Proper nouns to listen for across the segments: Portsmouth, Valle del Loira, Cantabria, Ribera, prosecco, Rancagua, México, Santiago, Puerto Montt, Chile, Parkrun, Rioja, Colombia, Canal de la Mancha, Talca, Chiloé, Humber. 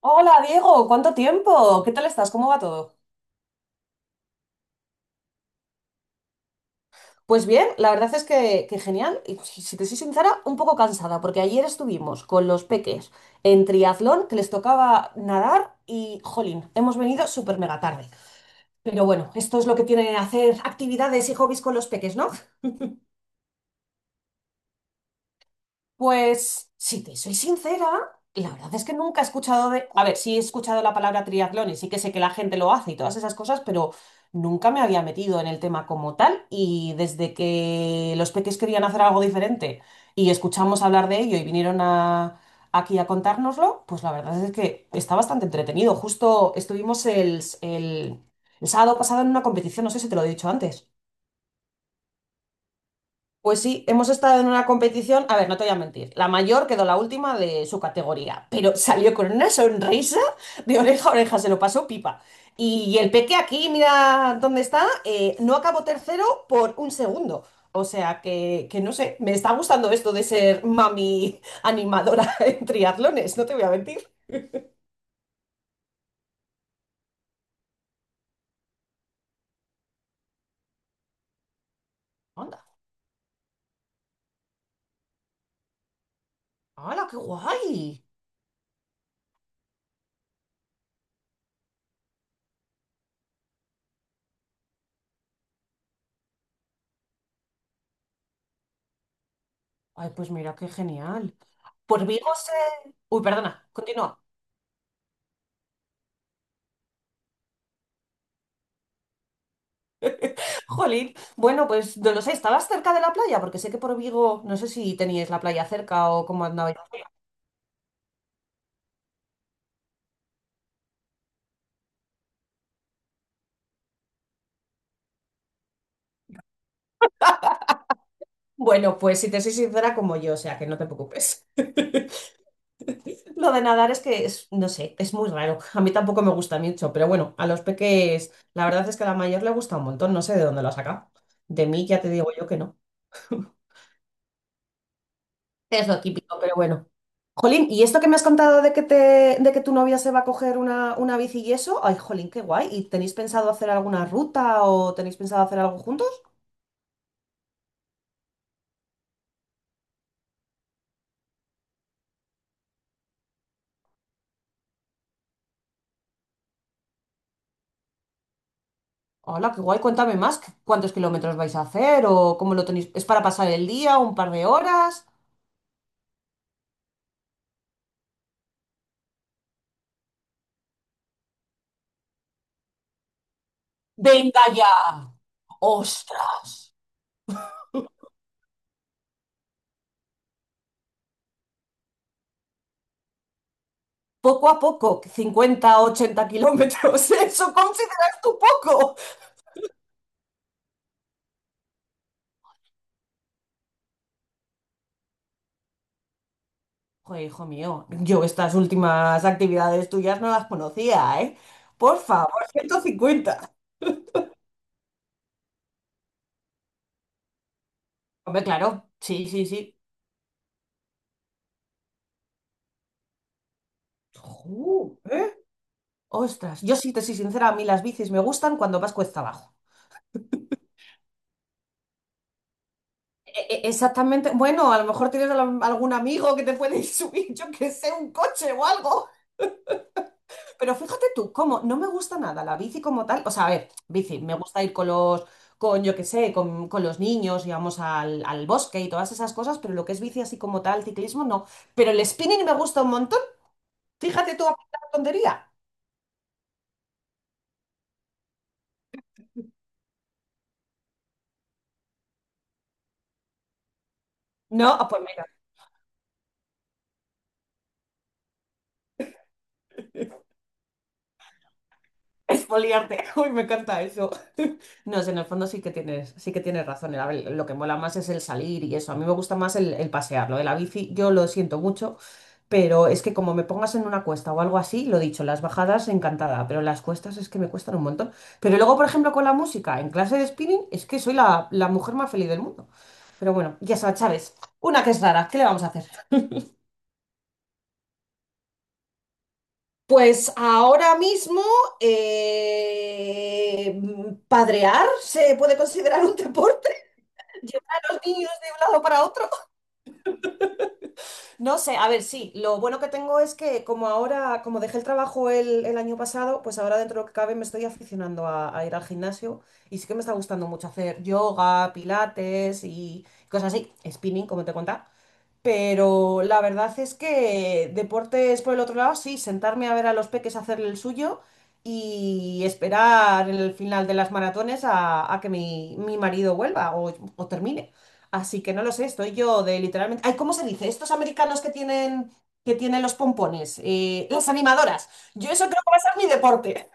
Hola, Diego, ¿cuánto tiempo? ¿Qué tal estás? ¿Cómo va todo? Pues bien, la verdad es que genial. Y si te soy sincera, un poco cansada, porque ayer estuvimos con los peques en triatlón, que les tocaba nadar y, jolín, hemos venido súper mega tarde. Pero bueno, esto es lo que tiene hacer actividades y hobbies con los peques, ¿no? Pues, si te soy sincera, la verdad es que nunca he escuchado de... A ver, sí he escuchado la palabra triatlón y sí que sé que la gente lo hace y todas esas cosas, pero nunca me había metido en el tema como tal y desde que los peques querían hacer algo diferente y escuchamos hablar de ello y vinieron aquí a contárnoslo, pues la verdad es que está bastante entretenido. Justo estuvimos el sábado pasado en una competición, no sé si te lo he dicho antes. Pues sí, hemos estado en una competición, a ver, no te voy a mentir, la mayor quedó la última de su categoría, pero salió con una sonrisa de oreja a oreja, se lo pasó pipa. Y el peque aquí, mira dónde está, no acabó tercero por un segundo. O sea que no sé, me está gustando esto de ser mami animadora en triatlones, no te voy a mentir. Anda, ¡hala, qué guay! Ay, pues mira, qué genial. Por Vigo se... Uy, perdona, continúa. Jolín, bueno, pues no lo sé, ¿estabas cerca de la playa? Porque sé que por Vigo, no sé si teníais la playa cerca o cómo andabais. Bueno, pues si te soy sincera como yo, o sea que no te preocupes. Lo de nadar es que es, no sé, es muy raro. A mí tampoco me gusta mucho, pero bueno, a los peques, la verdad es que a la mayor le gusta un montón, no sé de dónde lo ha sacado. De mí ya te digo yo que no. Es lo típico, pero bueno. Jolín, ¿y esto que me has contado de de que tu novia se va a coger una bici y eso? Ay, jolín, qué guay. ¿Y tenéis pensado hacer alguna ruta o tenéis pensado hacer algo juntos? Hola, qué guay, cuéntame más. ¿Cuántos kilómetros vais a hacer o cómo lo tenéis? ¿Es para pasar el día, un par de horas? ¡Venga ya! ¡Ostras! Poco a poco, 50-80 kilómetros. ¿Eso consideras tú poco? Joder, hijo mío, yo estas últimas actividades tuyas no las conocía, ¿eh? Por favor, 150. Hombre, claro, sí, sí, sí. Ju, ¿eh? Ostras, yo sí te soy sincera, a mí las bicis me gustan cuando vas cuesta abajo. E- e- exactamente, bueno, a lo mejor tienes algún amigo que te puede subir, yo que sé, un coche o algo. Pero fíjate tú, cómo no me gusta nada la bici como tal. O sea, a ver, bici, me gusta ir con con yo qué sé, con los niños y vamos al bosque y todas esas cosas, pero lo que es bici así como tal, ciclismo, no. Pero el spinning me gusta un montón. Fíjate tú, a la tontería. No, ah, pues expoliarte. Uy, me encanta eso. No sé, en el fondo sí que tienes razón. A ver, lo que mola más es el salir y eso. A mí me gusta más el pasear. Lo de la bici, yo lo siento mucho, pero es que como me pongas en una cuesta o algo así, lo dicho, las bajadas encantada, pero las cuestas es que me cuestan un montón. Pero luego, por ejemplo, con la música, en clase de spinning, es que soy la mujer más feliz del mundo. Pero bueno, ya sabes, Chávez, una que es rara, ¿qué le vamos a hacer? Pues ahora mismo eh, padrear se puede considerar un deporte, llevar a los niños de un lado para otro. No sé, a ver, sí, lo bueno que tengo es que como ahora, como dejé el trabajo el año pasado, pues ahora dentro de lo que cabe me estoy aficionando a ir al gimnasio y sí que me está gustando mucho hacer yoga, pilates y cosas así, spinning, como te contaba. Pero la verdad es que deportes por el otro lado, sí, sentarme a ver a los peques hacerle el suyo y esperar el final de las maratones a que mi marido vuelva o termine. Así que no lo sé, estoy yo de literalmente. Ay, ¿cómo se dice? Estos americanos que tienen los pompones, las animadoras. Yo eso creo que va a ser mi deporte.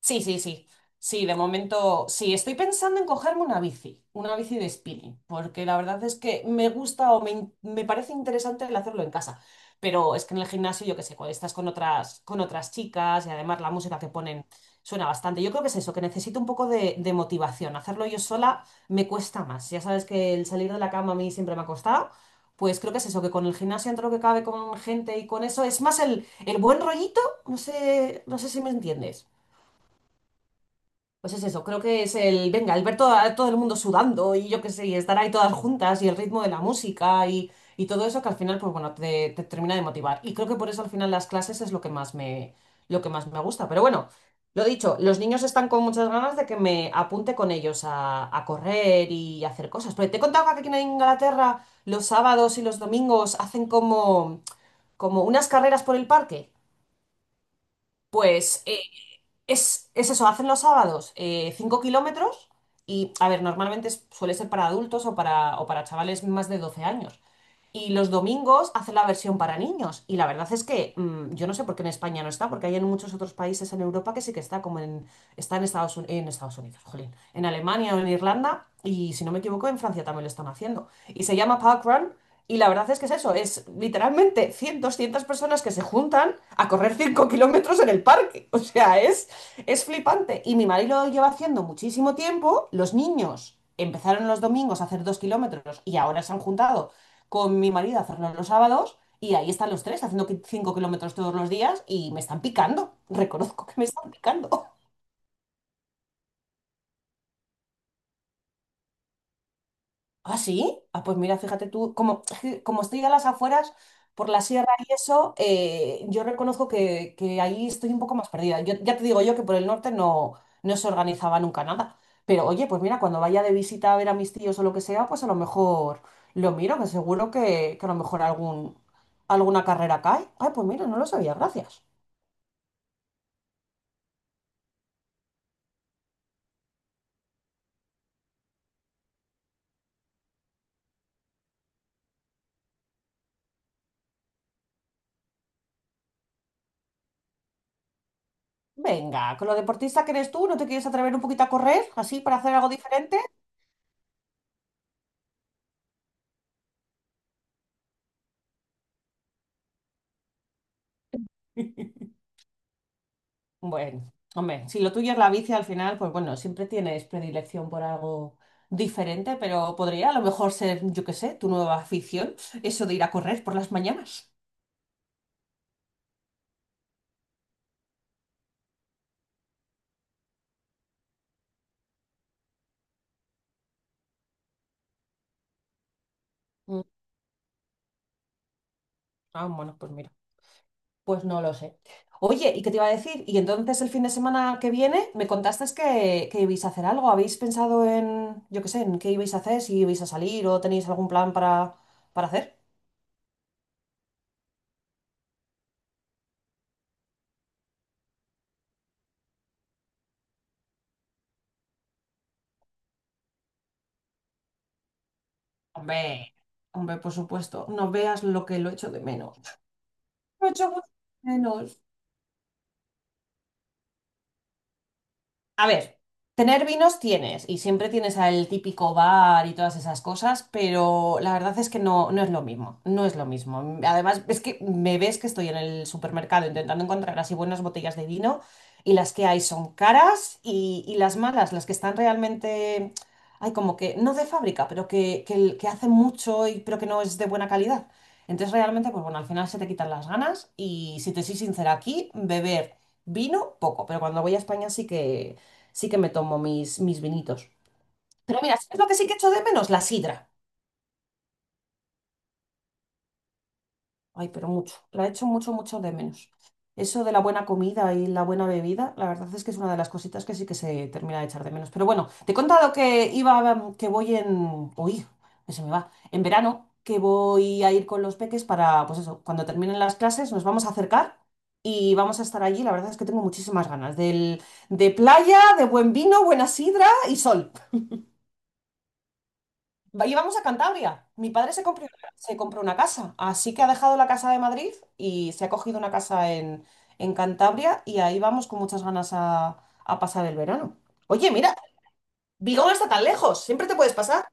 Sí, sí, sí. Sí, de momento sí, estoy pensando en cogerme una bici de spinning, porque la verdad es que me gusta o me parece interesante el hacerlo en casa, pero es que en el gimnasio, yo qué sé, cuando estás con con otras chicas y además la música que ponen suena bastante. Yo creo que es eso, que necesito un poco de motivación. Hacerlo yo sola me cuesta más. Ya sabes que el salir de la cama a mí siempre me ha costado. Pues creo que es eso, que con el gimnasio entre lo que cabe con gente y con eso, es más el buen rollito, no sé, no sé si me entiendes. Pues es eso, creo que es el, venga, el ver todo el mundo sudando y yo qué sé, y estar ahí todas juntas y el ritmo de la música y todo eso que al final, pues bueno, te termina de motivar. Y creo que por eso al final las clases es lo que lo que más me gusta. Pero bueno, lo dicho, los niños están con muchas ganas de que me apunte con ellos a correr y a hacer cosas. Pero te he contado que aquí en Inglaterra los sábados y los domingos hacen como unas carreras por el parque. Pues... es eso, hacen los sábados 5 kilómetros y, a ver, normalmente suele ser para adultos o para chavales más de 12 años. Y los domingos hacen la versión para niños. Y la verdad es que yo no sé por qué en España no está, porque hay en muchos otros países en Europa que sí que está, como está en en Estados Unidos, jolín, en Alemania o en Irlanda, y si no me equivoco, en Francia también lo están haciendo. Y se llama Parkrun, y la verdad es que es eso, es literalmente 100-200 personas que se juntan a correr 5 kilómetros en el parque. O sea, es flipante. Y mi marido lo lleva haciendo muchísimo tiempo, los niños. Empezaron los domingos a hacer 2 kilómetros y ahora se han juntado con mi marido a hacerlo los sábados y ahí están los tres haciendo 5 kilómetros todos los días y me están picando. Reconozco que me están picando. ¿Ah, sí? Ah, pues mira, fíjate tú, como, como estoy a las afueras por la sierra y eso, yo reconozco que ahí estoy un poco más perdida. Yo, ya te digo yo que por el norte no se organizaba nunca nada. Pero oye, pues mira, cuando vaya de visita a ver a mis tíos o lo que sea, pues a lo mejor lo miro, que seguro que a lo mejor alguna carrera cae. Ay, pues mira, no lo sabía, gracias. Venga, con lo deportista que eres tú, ¿no te quieres atrever un poquito a correr así para hacer algo diferente? Bueno, hombre, si lo tuyo es la bici al final, pues bueno, siempre tienes predilección por algo diferente, pero podría a lo mejor ser, yo qué sé, tu nueva afición, eso de ir a correr por las mañanas. Mm. Ah, bueno, pues mira, pues no lo sé. Oye, ¿y qué te iba a decir? Y entonces el fin de semana que viene me contaste que ibais a hacer algo. ¿Habéis pensado en, yo qué sé, en qué ibais a hacer, si ibais a salir o tenéis algún plan para hacer? Hombre, hombre, por supuesto, no veas lo que lo echo de menos. Lo echo mucho de menos. A ver, tener vinos tienes y siempre tienes al típico bar y todas esas cosas, pero la verdad es que no, no es lo mismo, no es lo mismo. Además, es que me ves que estoy en el supermercado intentando encontrar así buenas botellas de vino y las que hay son caras y las malas, las que están realmente, hay como que, no de fábrica, pero que hace mucho y pero que no es de buena calidad. Entonces realmente, pues bueno, al final se te quitan las ganas y si te soy sincera, aquí beber vino poco, pero cuando voy a España sí que me tomo mis vinitos. Pero mira, ¿sabes lo que sí que echo de menos? La sidra. Ay, pero mucho. La echo mucho, mucho de menos. Eso de la buena comida y la buena bebida, la verdad es que es una de las cositas que sí que se termina de echar de menos. Pero bueno, te he contado que que voy en... Uy, que se me va. En verano, que voy a ir con los peques para, pues eso, cuando terminen las clases nos vamos a acercar y vamos a estar allí. La verdad es que tengo muchísimas ganas del, de playa, de buen vino, buena sidra y sol. Íbamos a Cantabria. Mi padre se compró una casa, así que ha dejado la casa de Madrid y se ha cogido una casa en Cantabria y ahí vamos con muchas ganas a pasar el verano. Oye, mira, Vigo no está tan lejos, siempre te puedes pasar.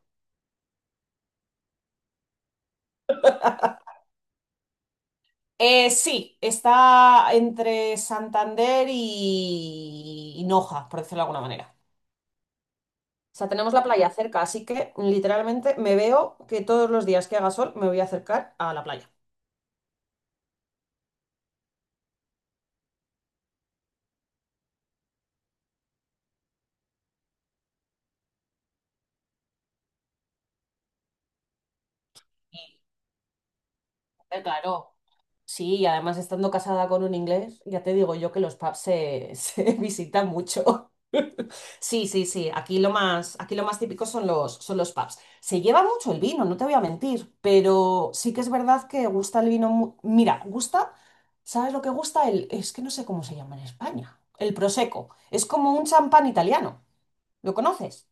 Sí, está entre Santander y Noja, por decirlo de alguna manera. O sea, tenemos la playa cerca, así que literalmente me veo que todos los días que haga sol me voy a acercar a la playa. Sí, claro. Sí, y además estando casada con un inglés, ya te digo yo que se visitan mucho. Sí, sí, sí. Aquí lo más típico son los pubs. Se lleva mucho el vino, no te voy a mentir, pero sí que es verdad que gusta el vino. Mira, gusta, ¿sabes lo que gusta? El, es que no sé cómo se llama en España. El prosecco. Es como un champán italiano. ¿Lo conoces?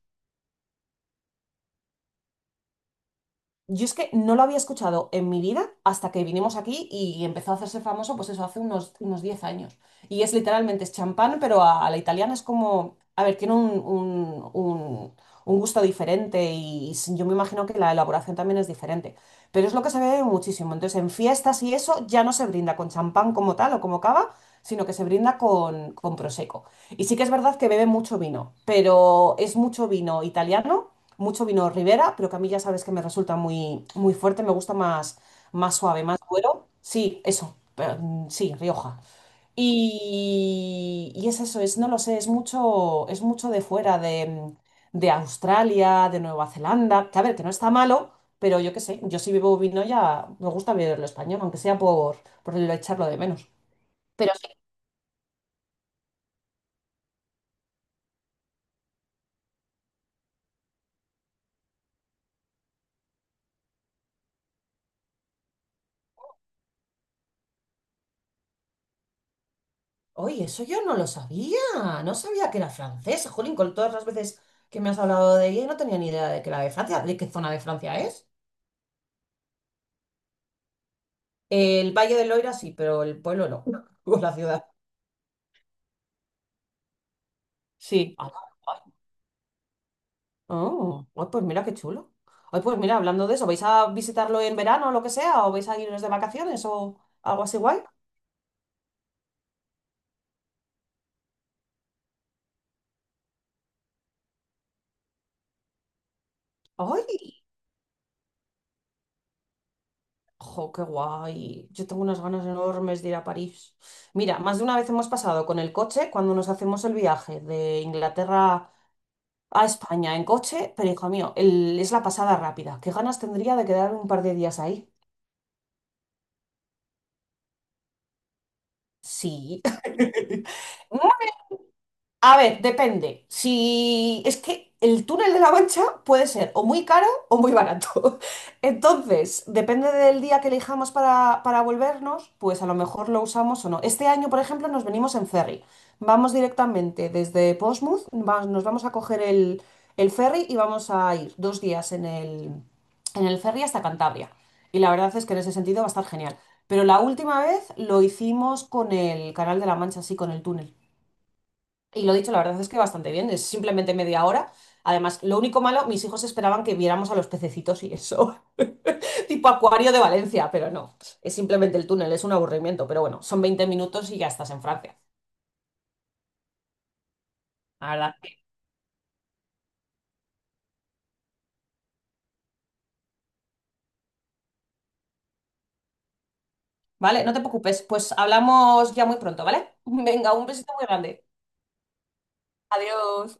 Yo es que no lo había escuchado en mi vida hasta que vinimos aquí y empezó a hacerse famoso, pues eso, hace unos, unos 10 años. Y es literalmente, es champán, pero a la italiana es como, a ver, tiene un, un gusto diferente y yo me imagino que la elaboración también es diferente. Pero es lo que se ve muchísimo. Entonces, en fiestas y eso ya no se brinda con champán como tal o como cava, sino que se brinda con prosecco. Y sí que es verdad que beben mucho vino, pero es mucho vino italiano, mucho vino Ribera, pero que a mí ya sabes que me resulta muy, muy fuerte, me gusta más, más suave, más duro. Sí, eso, sí, Rioja. Y es eso, es, no lo sé, es mucho de fuera, de Australia, de Nueva Zelanda, que a ver, que no está malo, pero yo qué sé, yo si bebo vino ya me gusta beberlo español, aunque sea por el echarlo de menos. Oye, eso yo no lo sabía. No sabía que era francesa. Jolín, con todas las veces que me has hablado de ella, no tenía ni idea de que era de Francia, de qué zona de Francia es. El Valle del Loira sí, pero el pueblo no. O la ciudad. Sí. Ah, vale. Oh, ay, pues mira qué chulo. Ay, pues mira, hablando de eso, ¿vais a visitarlo en verano o lo que sea? ¿O vais a iros de vacaciones o algo así guay? ¡Ay! ¡Jo, qué guay! Yo tengo unas ganas enormes de ir a París. Mira, más de una vez hemos pasado con el coche cuando nos hacemos el viaje de Inglaterra a España en coche, pero hijo mío, es la pasada rápida. ¿Qué ganas tendría de quedar un par de días ahí? Sí. A ver, depende. Si es que el túnel de la Mancha puede ser o muy caro o muy barato. Entonces, depende del día que elijamos para volvernos, pues a lo mejor lo usamos o no. Este año, por ejemplo, nos venimos en ferry. Vamos directamente desde Portsmouth, nos vamos a coger el ferry y vamos a ir 2 días en el ferry hasta Cantabria. Y la verdad es que en ese sentido va a estar genial. Pero la última vez lo hicimos con el Canal de la Mancha, sí, con el túnel. Y lo dicho, la verdad es que bastante bien, es simplemente media hora. Además, lo único malo, mis hijos esperaban que viéramos a los pececitos y eso, tipo acuario de Valencia, pero no, es simplemente el túnel, es un aburrimiento, pero bueno, son 20 minutos y ya estás en Francia. La verdad. que- Vale, no te preocupes, pues hablamos ya muy pronto, ¿vale? Venga, un besito muy grande. Adiós.